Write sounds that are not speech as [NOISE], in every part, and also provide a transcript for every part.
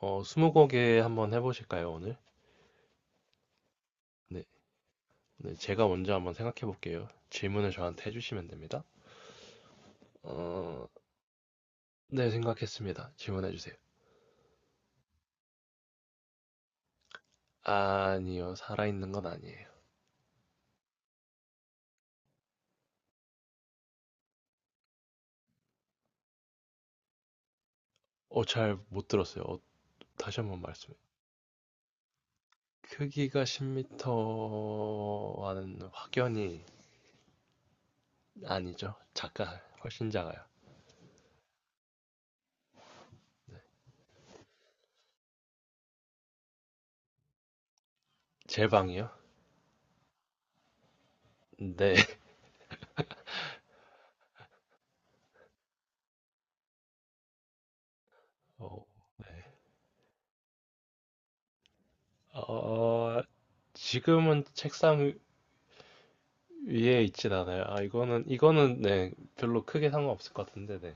스무고개 한번 해보실까요, 오늘? 네. 네, 제가 먼저 한번 생각해 볼게요. 질문을 저한테 해주시면 됩니다. 어, 네, 생각했습니다. 질문해 주세요. 아니요, 살아있는 건 아니에요. 잘 못 들었어요. 다시 한번 말씀해. 크기가 10m와는 확연히 아니죠. 작아, 훨씬 작아요. 제 방이요? 네. [LAUGHS] 어, 네. 어, 지금은 책상 위에 있진 않아요. 아, 이거는, 네, 별로 크게 상관없을 것 같은데, 네.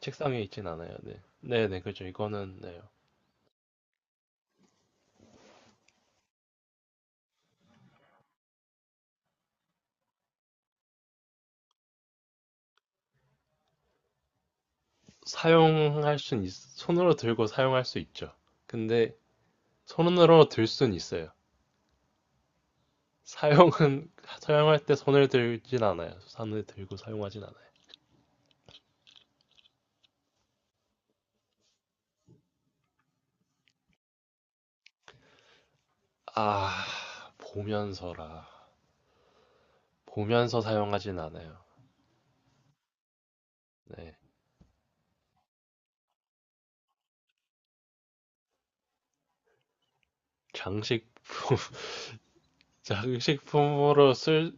책상 위에 있진 않아요, 네. 네네, 그렇죠. 이거는, 네. 손으로 들고 사용할 수 있죠. 근데, 손으로 들 순 있어요. 사용은, [LAUGHS] 사용할 때 손을 들진 않아요. 손을 들고 사용하진 않아요. 아, 보면서라. 보면서 사용하진 않아요. 네. 장식품, [LAUGHS] 장식품으로 쓸,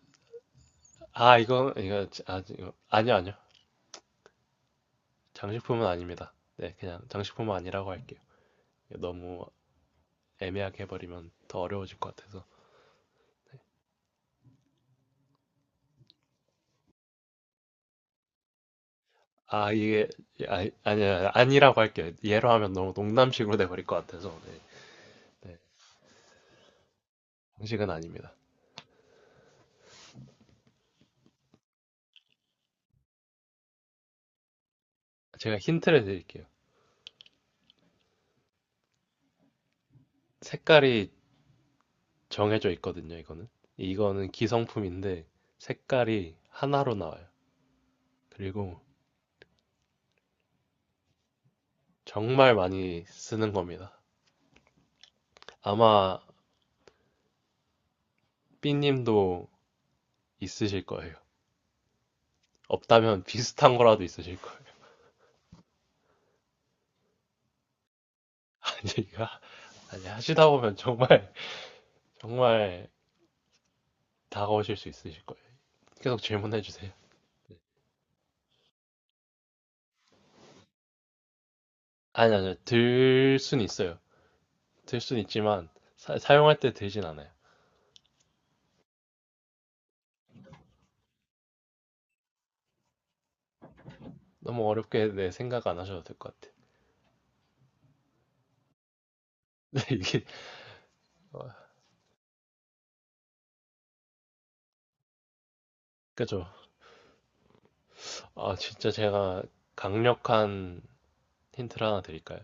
아, 아, 이거, 아니요, 아니요. 장식품은 아닙니다. 네, 그냥 장식품은 아니라고 할게요. 너무 애매하게 해버리면 더 어려워질 것 같아서. 네. 아, 이게, 아, 아니야, 아니라고 할게요. 예로 하면 너무 농담식으로 돼버릴 것 같아서. 네, 네, 장식은 아닙니다. 제가 힌트를 드릴게요. 색깔이 정해져 있거든요, 이거는. 이거는 기성품인데 색깔이 하나로 나와요. 그리고 정말 많이 쓰는 겁니다. 아마 삐님도 있으실 거예요. 없다면 비슷한 거라도 있으실 거예요. [LAUGHS] 이가 아니, 하시다 보면 정말, [LAUGHS] 정말 다가오실 수 있으실 거예요. 계속 질문해 주세요. 아니, 아니요. 들 순 있어요. 들 순 있지만, 용할때 들진 않아요. 너무 어렵게 내 생각 안 하셔도 될 것 같아요. [LAUGHS] 근데 이게, 어, 그죠. 아, 진짜 제가 강력한 힌트를 하나 드릴까요?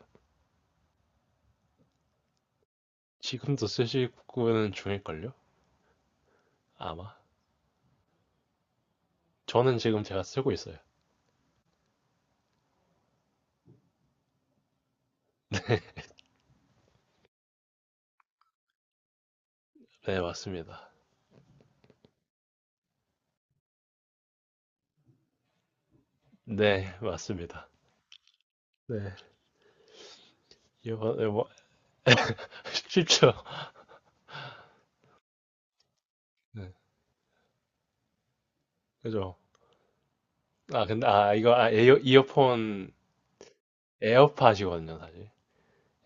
지금도 쓰시고는 중일걸요? 아마. 저는 지금 제가 쓰고 있어요. 네, 맞습니다. 네, 맞습니다. 네. 이번 뭐, [LAUGHS] 쉽죠? 네, 그죠. 아, 근데, 아, 이거, 이어폰, 에어팟이거든요, 사실.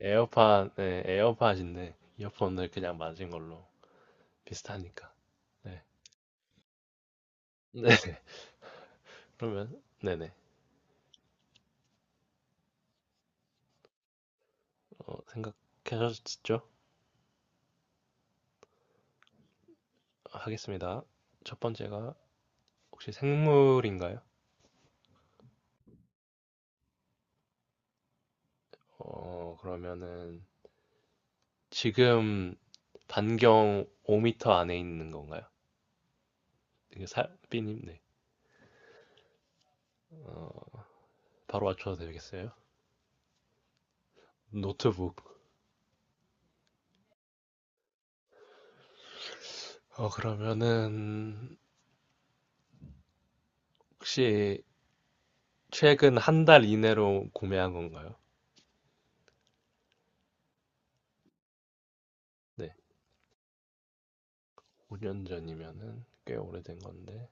에어팟, 네, 에어팟인데, 이어폰을 그냥 맞은 걸로 비슷하니까. 네. 네. [LAUGHS] 그러면, 네네. 어, 생각하셨죠? 하겠습니다. 첫 번째가, 혹시 생물인가요? 그러면은, 지금 반경 5m 안에 있는 건가요? 이게 삐님, 네. 어, 바로 맞춰도 되겠어요? 노트북. 그러면은, 혹시 최근 한 달 이내로 구매한 건가요? 네. 5년 전이면은 꽤 오래된 건데.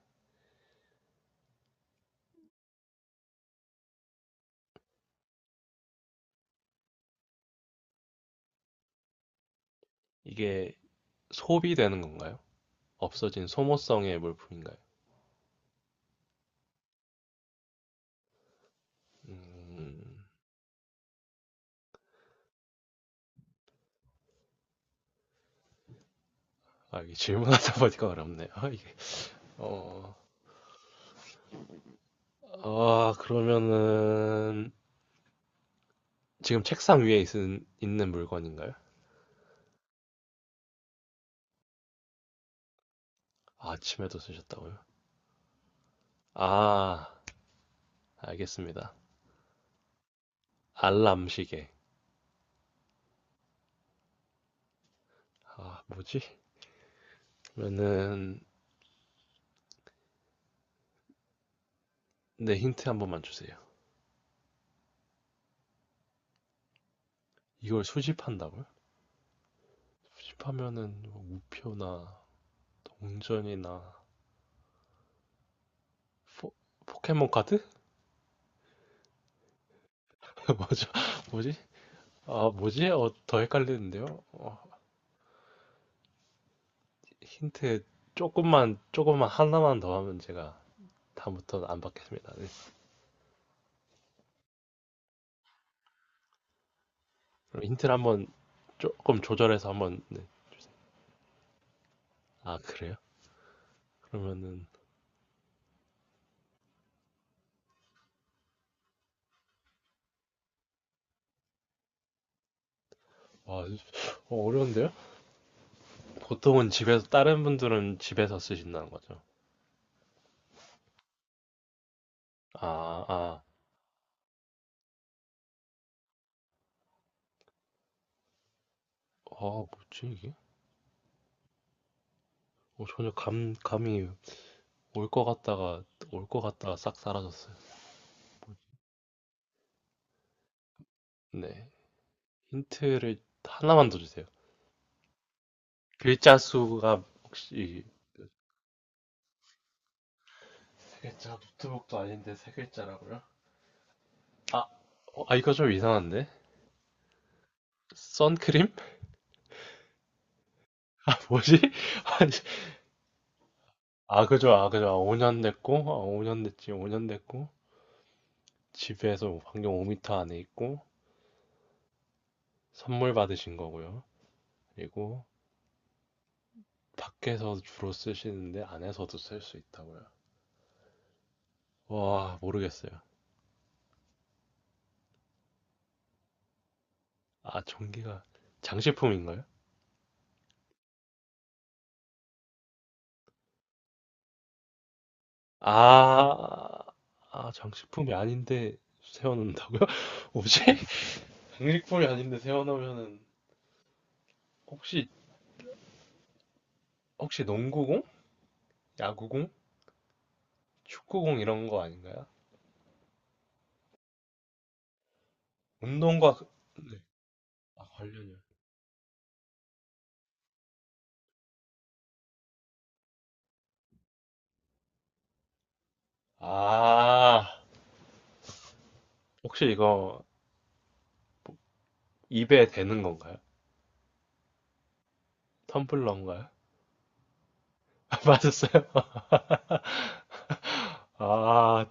이게 소비되는 건가요? 없어진 소모성의 물품인가요? 음, 아, 이게 질문하다 보니까 어렵네요. [LAUGHS] 이게, 어, 아, 그러면은 지금 책상 위에 있는 물건인가요? 아, 아침에도 쓰셨다고요? 아, 알겠습니다. 알람 시계. 아, 뭐지? 그러면은, 네, 힌트 한 번만 주세요. 이걸 수집한다고요? 수집하면은 뭐 우표나 동전이나 포, 포켓몬 카드? [LAUGHS] 뭐죠? 뭐지? 아, 뭐지? 어, 더 헷갈리는데요? 어, 힌트 조금만 하나만 더 하면 제가 다음부터는 안 받겠습니다. 네. 그럼 힌트를 한번 조금 조절해서 한번, 네. 아, 그래요? 그러면은, 와, 어, 어려운데요? 보통은 집에서, 다른 분들은 집에서 쓰신다는 거죠. 아, 아, 아, 뭐지 이게? 어, 전혀 감이 올 것 같다가 올 것 같다가 싹 사라졌어요. 네. 힌트를 하나만 더 주세요. 글자 수가 혹시 세 글자 노트북도 아닌데 세 글자라고요? 아, 어, 아 이거 좀 이상한데? 선크림? [LAUGHS] 뭐지? [LAUGHS] 아니, 아 그죠 아 그죠 아, 5년 됐고 아, 5년 됐지 5년 됐고 집에서 반경 5m 안에 있고 선물 받으신 거고요. 그리고 밖에서 주로 쓰시는데 안에서도 쓸 수 있다고요. 와 모르겠어요. 아 전기가 장식품인가요? 아, 아, 장식품이 아닌데 세워놓는다고요? [LAUGHS] 뭐지? 장식품이 아닌데 세워놓으면은 혹시 혹시 농구공? 야구공? 축구공 이런 거 아닌가요? 운동과 그- 아, 관련이요. 아, 혹시 이거 입에 대는 건가요? 텀블러인가요? [LAUGHS] 아, 맞았어요? [LAUGHS] 아,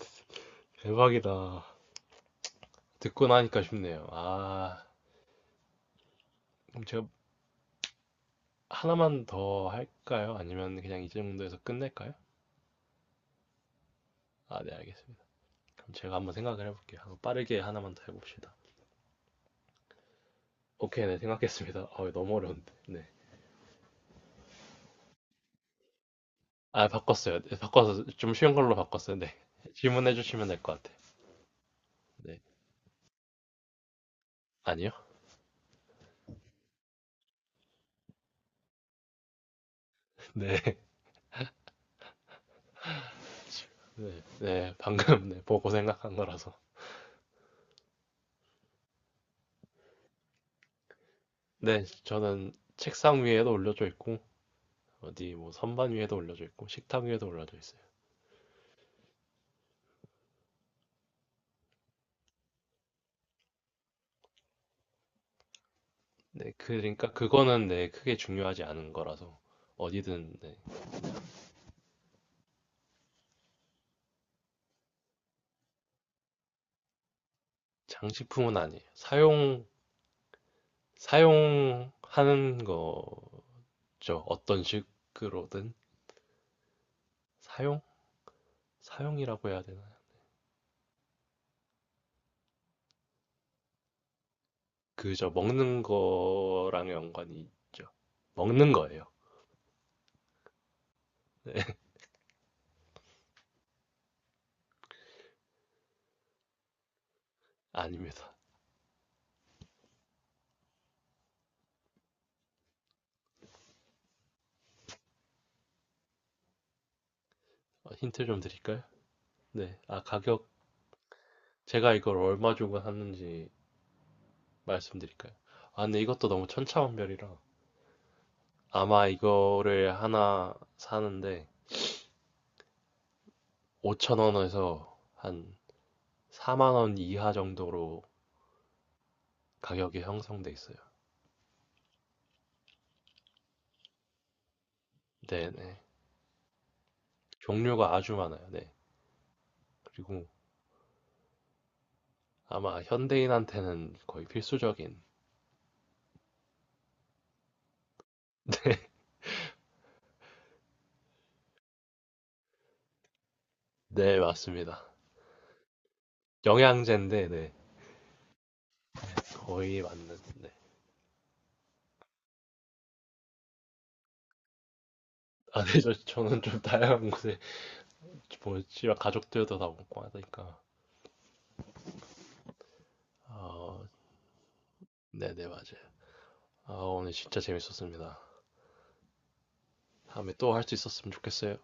대박이다. 듣고 나니까 쉽네요. 아, 그럼 제가 하나만 더 할까요? 아니면 그냥 이 정도에서 끝낼까요? 아, 네, 알겠습니다. 그럼 제가 한번 생각을 해볼게요. 한번 빠르게 하나만 더 해봅시다. 오케이, 네, 생각했습니다. [LAUGHS] 어, 너무 어려운데. 네. 아, 바꿨어요. 네, 바꿔서 좀 쉬운 걸로 바꿨어요. 네. [LAUGHS] 질문해 주시면 될 것 같아요. 네. 아니요? [LAUGHS] 네. 네. 네, 방금 네, 보고 생각한 거라서. 네, 저는 책상 위에도 올려져 있고 어디 뭐 선반 위에도 올려져 있고 식탁 위에도 올려져 있어요. 네, 그러니까 그거는 네, 크게 중요하지 않은 거라서 어디든 네, 장식품은 아니에요. 사용하는 거 죠 어떤 식으로든 사용? 사용이라고 해야 되나요? 그저 먹는 거랑 연관이 있죠. 먹는 거예요. 아닙니다. 어, 힌트 좀 드릴까요? 네. 아, 가격. 제가 이걸 얼마 주고 샀는지 말씀드릴까요? 아, 근데 이것도 너무 천차만별이라. 아마 이거를 하나 사는데 5천원에서 한 4만 원 이하 정도로 가격이 형성돼 있어요. 네네. 종류가 아주 많아요. 네. 그리고 아마 현대인한테는 거의 필수적인. 네, 맞습니다. 영양제인데, 네, 거의 맞는. 네. 아, 네, 저는 좀 다양한 곳에, 뭐, 씨발, 가족들도 다 먹고 하니까. 어, 네네, 맞아요. 아, 오늘 진짜 재밌었습니다. 다음에 또 할 수 있었으면 좋겠어요.